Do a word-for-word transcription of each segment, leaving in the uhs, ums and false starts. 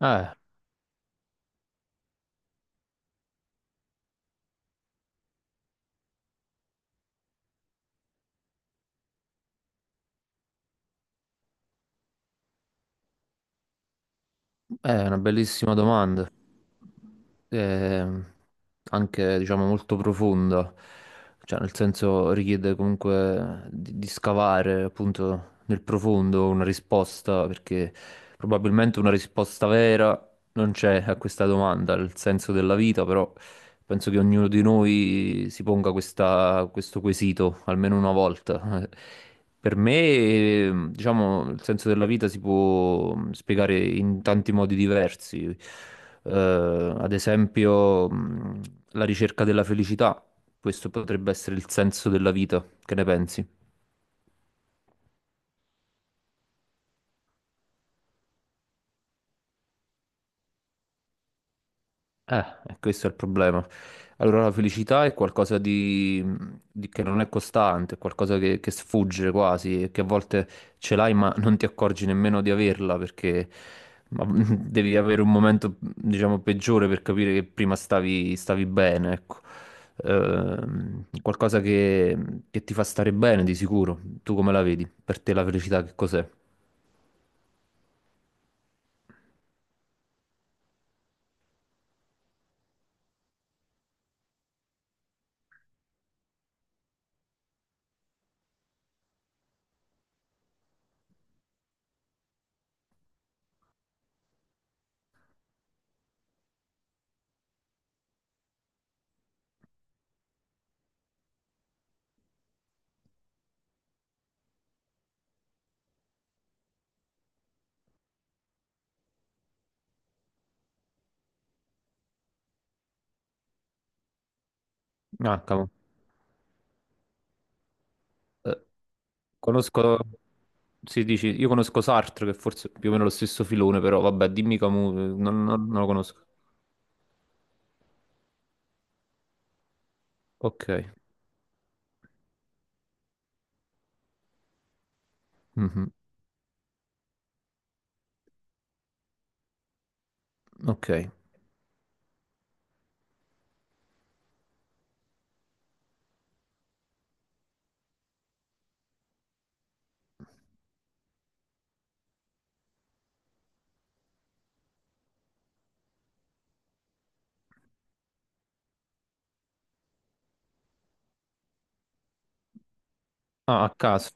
Eh, eh, è una bellissima domanda, Eh, anche diciamo molto profonda, cioè nel senso richiede comunque di, di scavare appunto nel profondo una risposta, perché probabilmente una risposta vera non c'è a questa domanda, il senso della vita, però penso che ognuno di noi si ponga questa- questo quesito almeno una volta. Eh, Per me, eh, diciamo, il senso della vita si può spiegare in tanti modi diversi. Eh, ad esempio, mh, la ricerca della felicità. Questo potrebbe essere il senso della vita. Che ne pensi? Eh, e questo è il problema. Allora, la felicità è qualcosa di, di- che non è costante, è qualcosa che, che sfugge quasi, e che a volte ce l'hai ma non ti accorgi nemmeno di averla perché ma, devi avere un momento, diciamo, peggiore per capire che prima stavi, stavi bene, ecco. Ehm, qualcosa che, che ti fa stare bene di sicuro. Tu come la vedi? Per te la felicità che cos'è? Ah, cavolo. Eh, Conosco, si dici, io conosco Sartre, che forse è più o meno lo stesso filone, però vabbè, dimmi Camus, eh, non, non- non lo conosco. Ok, mhm, ok. Ah, a caso.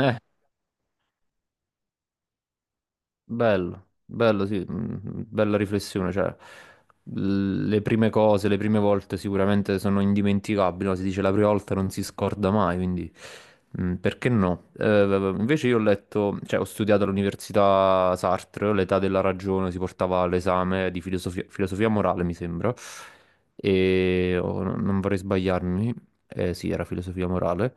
Eh, Bello, bello, sì, mm, bella riflessione, cioè l- le prime cose, le prime volte sicuramente sono indimenticabili, no? Si dice la prima volta non si scorda mai, quindi mm, perché no? Eh, invece io ho letto, cioè ho studiato all'università Sartre, l'età della ragione, si portava all'esame di filosofia, filosofia morale, mi sembra, e oh, non non vorrei sbagliarmi, eh, sì, era filosofia morale.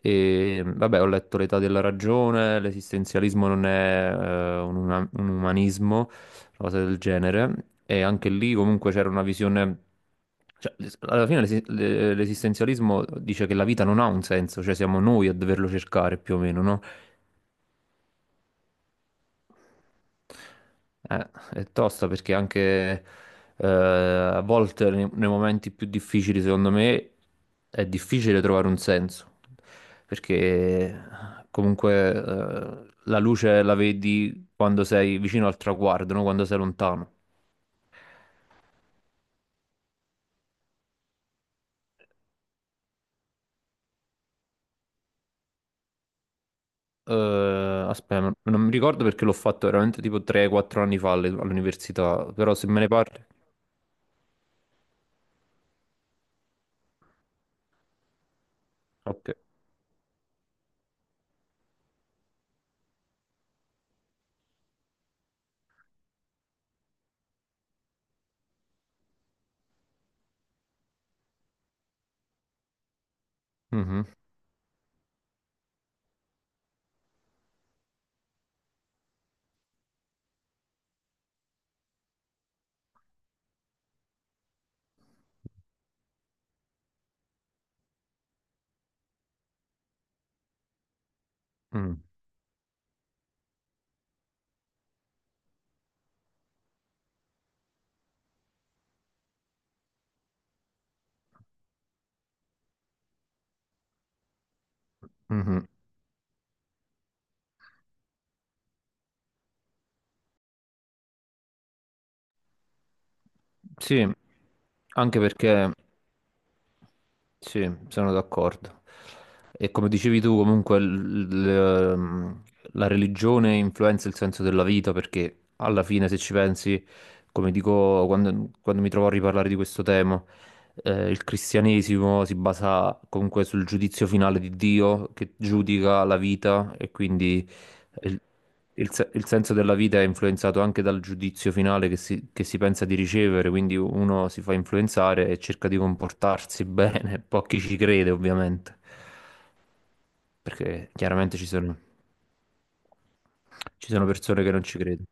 E vabbè, ho letto L'età della ragione, l'esistenzialismo non è eh, un, una- un umanismo, una cosa del genere. E anche lì comunque c'era una visione... Cioè, l'es- alla fine l'esi- le- l'esistenzialismo dice che la vita non ha un senso, cioè siamo noi a doverlo cercare più o meno, no? Eh, è tosta perché anche eh, a volte nei, nei momenti più difficili, secondo me, è difficile trovare un senso. Perché comunque eh, la luce la vedi quando sei vicino al traguardo, no? Quando sei lontano. Eh, aspetta, non mi ricordo perché l'ho fatto veramente tipo tre o quattro anni fa alle- all'università, però se me ne parli... Ok. Mhm, mm, mhm. Sì, anche perché... Sì, sono d'accordo. E come dicevi tu, comunque l- l- ehm, la religione influenza il senso della vita perché alla fine, se ci pensi, come dico quando, quando mi trovo a riparlare di questo tema, eh, il cristianesimo si basa comunque sul giudizio finale di Dio che giudica la vita e quindi il, il se- il senso della vita è influenzato anche dal giudizio finale che si, che si pensa di ricevere, quindi uno si fa influenzare e cerca di comportarsi bene, pochi ci crede ovviamente, perché chiaramente ci sono, ci sono persone che non ci credono.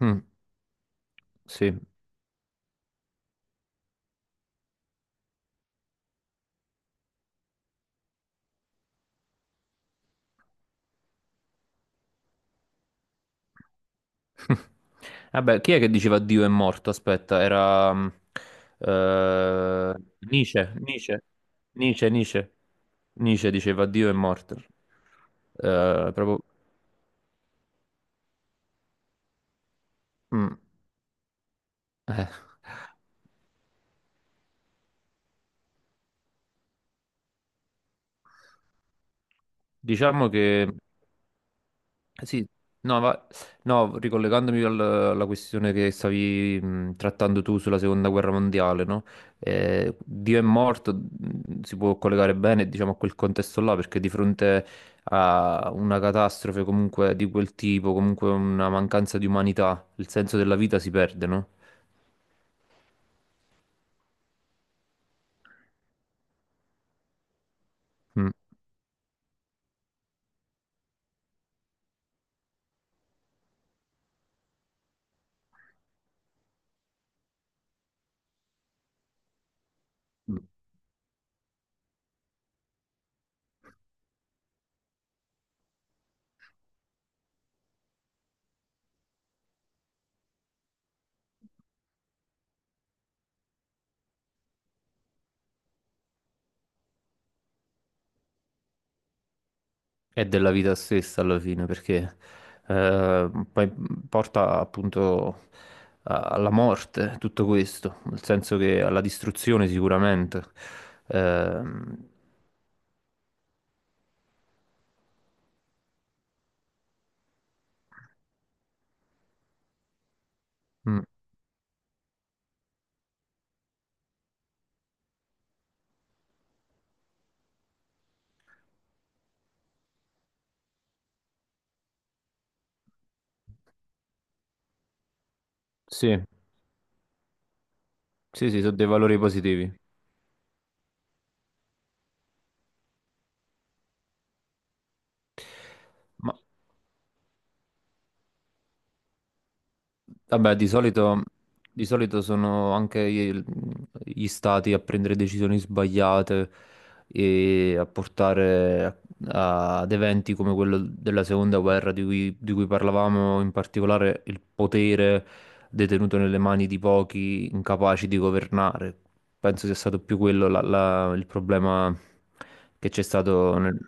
Mm, sì. Vabbè, chi è che diceva Dio è morto? Aspetta, era mm, eh, Nietzsche, Nietzsche, Nietzsche, Nietzsche. Nietzsche diceva Dio è morto. Eh, proprio... Mm, eh. Diciamo che sì, no, va- no, ricollegandomi al- alla questione che stavi mh, trattando tu sulla seconda guerra mondiale, no? Eh, Dio è morto, mh, si può collegare bene, diciamo, a quel contesto là, perché di fronte a una catastrofe comunque di quel tipo, comunque una mancanza di umanità, il senso della vita si perde, no? Mm. Mm. È della vita stessa alla fine, perché eh, poi porta appunto a- alla morte tutto questo, nel senso che alla distruzione sicuramente. Ehm, mm, sì, sì, sì, sono dei valori positivi. Ma vabbè, di solito, di solito sono anche i- gli stati a prendere decisioni sbagliate e a portare a- ad eventi come quello della seconda guerra di cui, di cui parlavamo, in particolare il potere detenuto nelle mani di pochi incapaci di governare. Penso sia stato più quello la- la- il problema che c'è stato nel...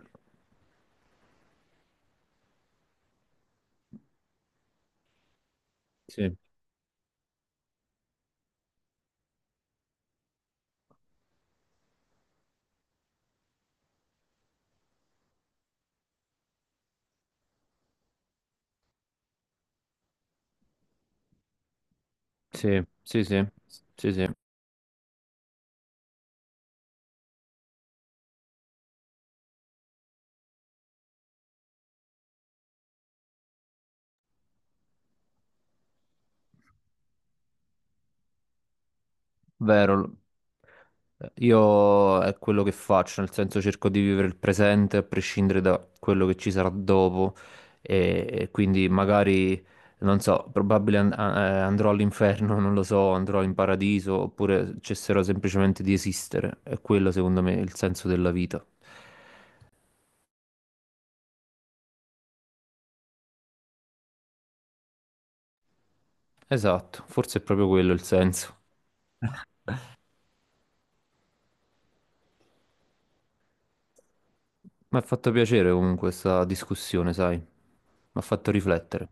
Sì, sì, sì, sì, sì, sì. Vero, io è quello che faccio, nel senso cerco di vivere il presente a prescindere da quello che ci sarà dopo e, e quindi magari, non so, probabile and- a- eh, andrò all'inferno, non lo so, andrò in paradiso oppure cesserò semplicemente di esistere. È quello secondo me il senso della vita. Esatto, forse è proprio quello il senso. Mi ha fatto piacere comunque questa discussione, sai, mi ha fatto riflettere.